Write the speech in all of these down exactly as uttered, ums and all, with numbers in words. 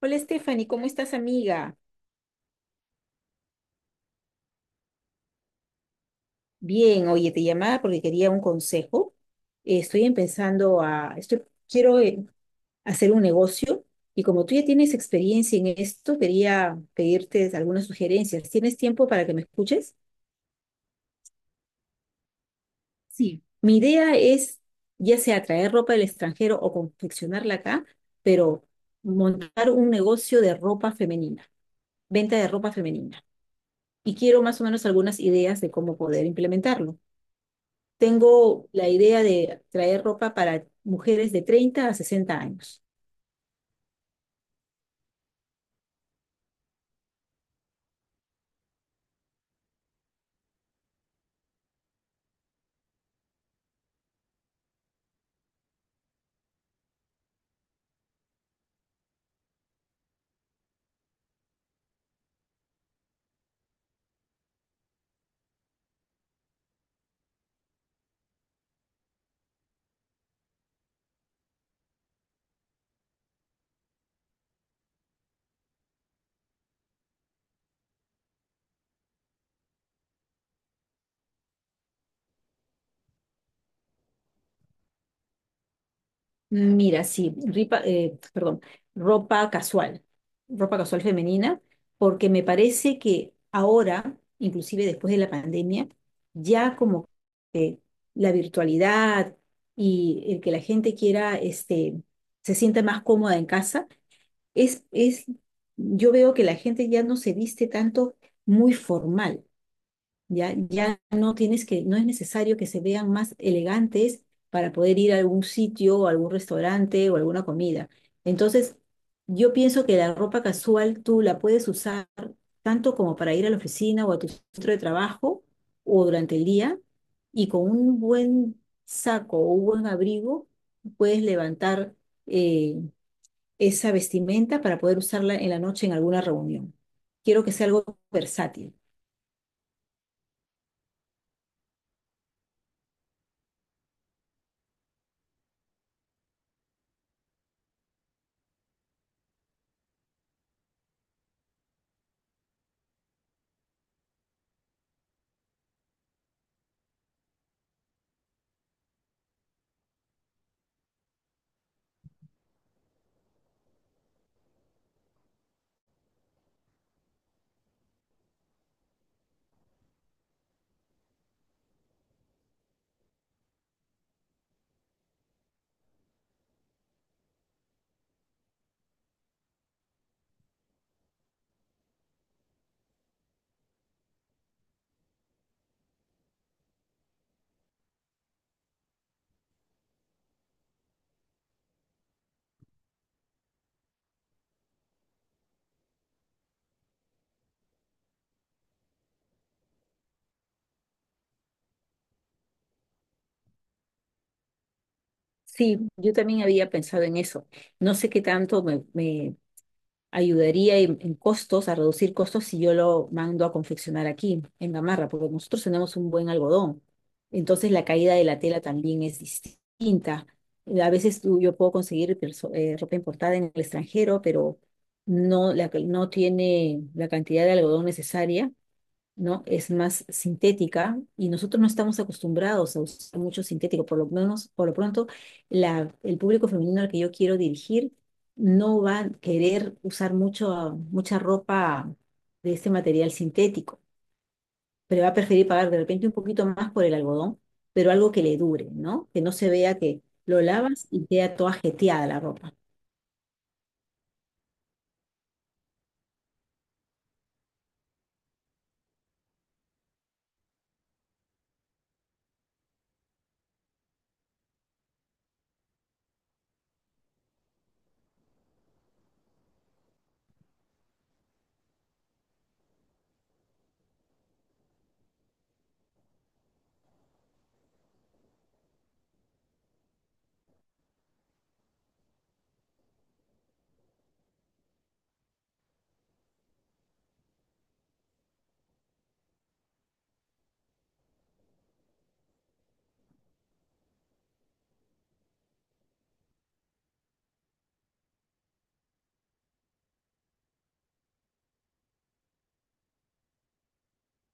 Hola Stephanie, ¿cómo estás amiga? Bien, oye, te llamaba porque quería un consejo. Eh, estoy empezando a, estoy, quiero eh, hacer un negocio y como tú ya tienes experiencia en esto, quería pedirte algunas sugerencias. ¿Tienes tiempo para que me escuches? Sí, mi idea es ya sea traer ropa del extranjero o confeccionarla acá, pero montar un negocio de ropa femenina, venta de ropa femenina. Y quiero más o menos algunas ideas de cómo poder implementarlo. Tengo la idea de traer ropa para mujeres de treinta a sesenta años. Mira, sí, ripa- eh, perdón, ropa casual, ropa casual femenina, porque me parece que ahora, inclusive después de la pandemia, ya como que la virtualidad y el que la gente quiera, este, se sienta más cómoda en casa, es, es, yo veo que la gente ya no se viste tanto muy formal. Ya, ya no tienes que, no es necesario que se vean más elegantes para poder ir a algún sitio o algún restaurante o alguna comida. Entonces, yo pienso que la ropa casual tú la puedes usar tanto como para ir a la oficina o a tu centro de trabajo o durante el día, y con un buen saco o un buen abrigo puedes levantar eh, esa vestimenta para poder usarla en la noche en alguna reunión. Quiero que sea algo versátil. Sí, yo también había pensado en eso. No sé qué tanto me, me ayudaría en, en costos, a reducir costos si yo lo mando a confeccionar aquí, en Gamarra, porque nosotros tenemos un buen algodón. Entonces la caída de la tela también es distinta. A veces tú- yo puedo conseguir perso- eh, ropa importada en el extranjero, pero no, la, no tiene la cantidad de algodón necesaria, ¿no? Es más sintética y nosotros no estamos acostumbrados a usar mucho sintético. Por lo menos, por lo pronto, la, el público femenino al que yo quiero dirigir no va a querer usar mucho, mucha ropa de este material sintético, pero va a preferir pagar de repente un poquito más por el algodón, pero algo que le dure, ¿no? Que no se vea que lo lavas y queda toda jeteada la ropa.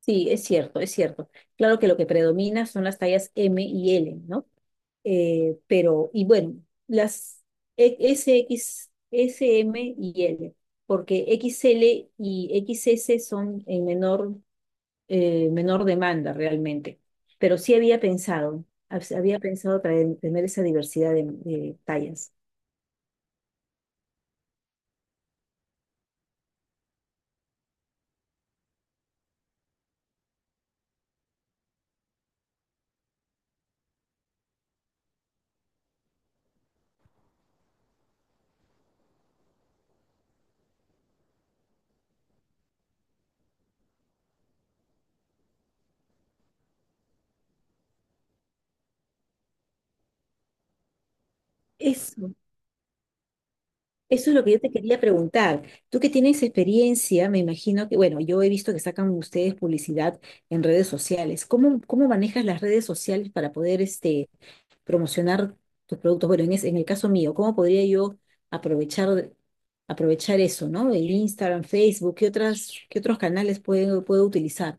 Sí, es cierto, es cierto. Claro que lo que predomina son las tallas M y L, ¿no? Eh, pero, y bueno, las e- S, X, S, M y L, porque X L y X S son en menor, eh, menor demanda realmente. Pero sí había pensado, hab- había pensado traer- tener esa diversidad de, de tallas. Eso. Eso es lo que yo te quería preguntar. Tú que tienes experiencia, me imagino que, bueno, yo he visto que sacan ustedes publicidad en redes sociales. ¿Cómo, ¿cómo manejas las redes sociales para poder este, promocionar tus productos? Bueno, en, es- en el caso mío, ¿cómo podría yo aprovechar, aprovechar eso, ¿no? El Instagram, Facebook, ¿qué otras, qué otros canales puedo, puedo utilizar?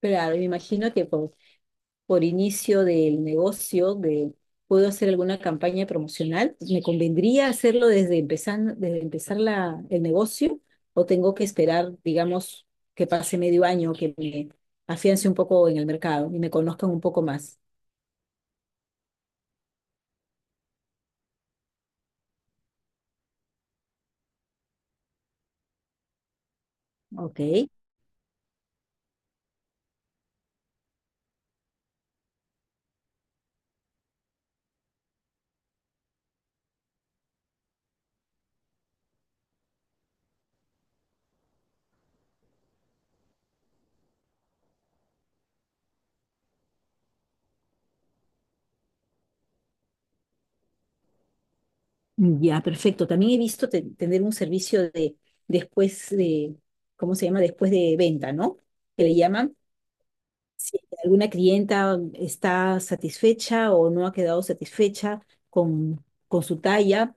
Claro, me imagino que por inicio del negocio, de puedo hacer alguna campaña promocional, ¿me convendría hacerlo desde empezar, desde empezar la, el negocio o tengo que esperar, digamos, que pase medio año, que me afiance un poco en el mercado y me conozcan un poco más? Ok, ya, perfecto. También he visto te- tener un servicio de después de, ¿cómo se llama? Después de venta, ¿no? Que le llaman si alguna clienta está satisfecha o no ha quedado satisfecha con, con su talla,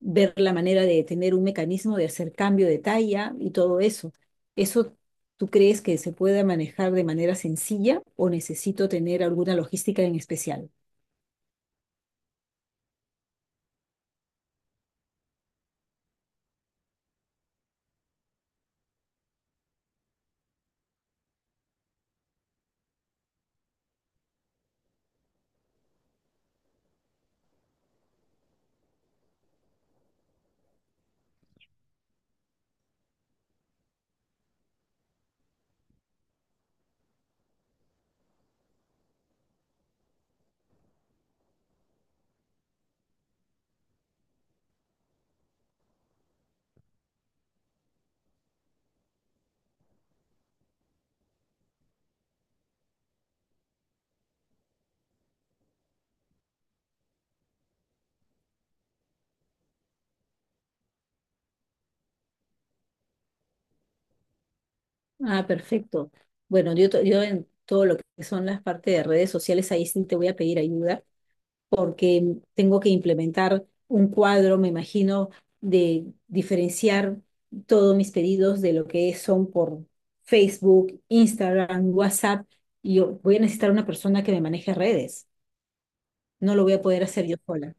ver la manera de tener un mecanismo de hacer cambio de talla y todo eso. ¿Eso tú crees que se pueda manejar de manera sencilla o necesito tener alguna logística en especial? Ah, perfecto. Bueno, yo, to- yo en todo lo que son las partes de redes sociales, ahí sí te voy a pedir ayuda porque tengo que implementar un cuadro, me imagino, de diferenciar todos mis pedidos de lo que son por Facebook, Instagram, WhatsApp, y yo voy a necesitar una persona que me maneje redes. No lo voy a poder hacer yo sola.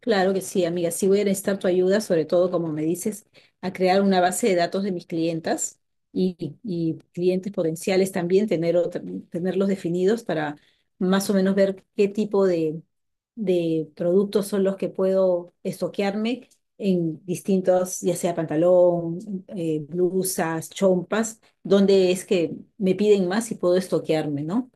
Claro que sí, amiga. Sí voy a necesitar tu ayuda, sobre todo, como me dices, a crear una base de datos de mis clientas y, y clientes potenciales también, tener otra- tenerlos definidos para más o menos ver qué tipo de, de productos son los que puedo estoquearme en distintos, ya sea pantalón, eh, blusas, chompas, dónde es que me piden más y puedo estoquearme, ¿no?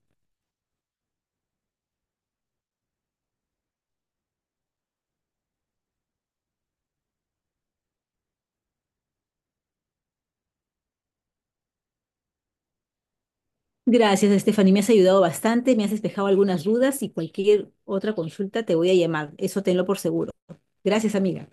Gracias, Estefany. Me has ayudado bastante, me has despejado algunas dudas y cualquier otra consulta te voy a llamar. Eso tenlo por seguro. Gracias, amiga.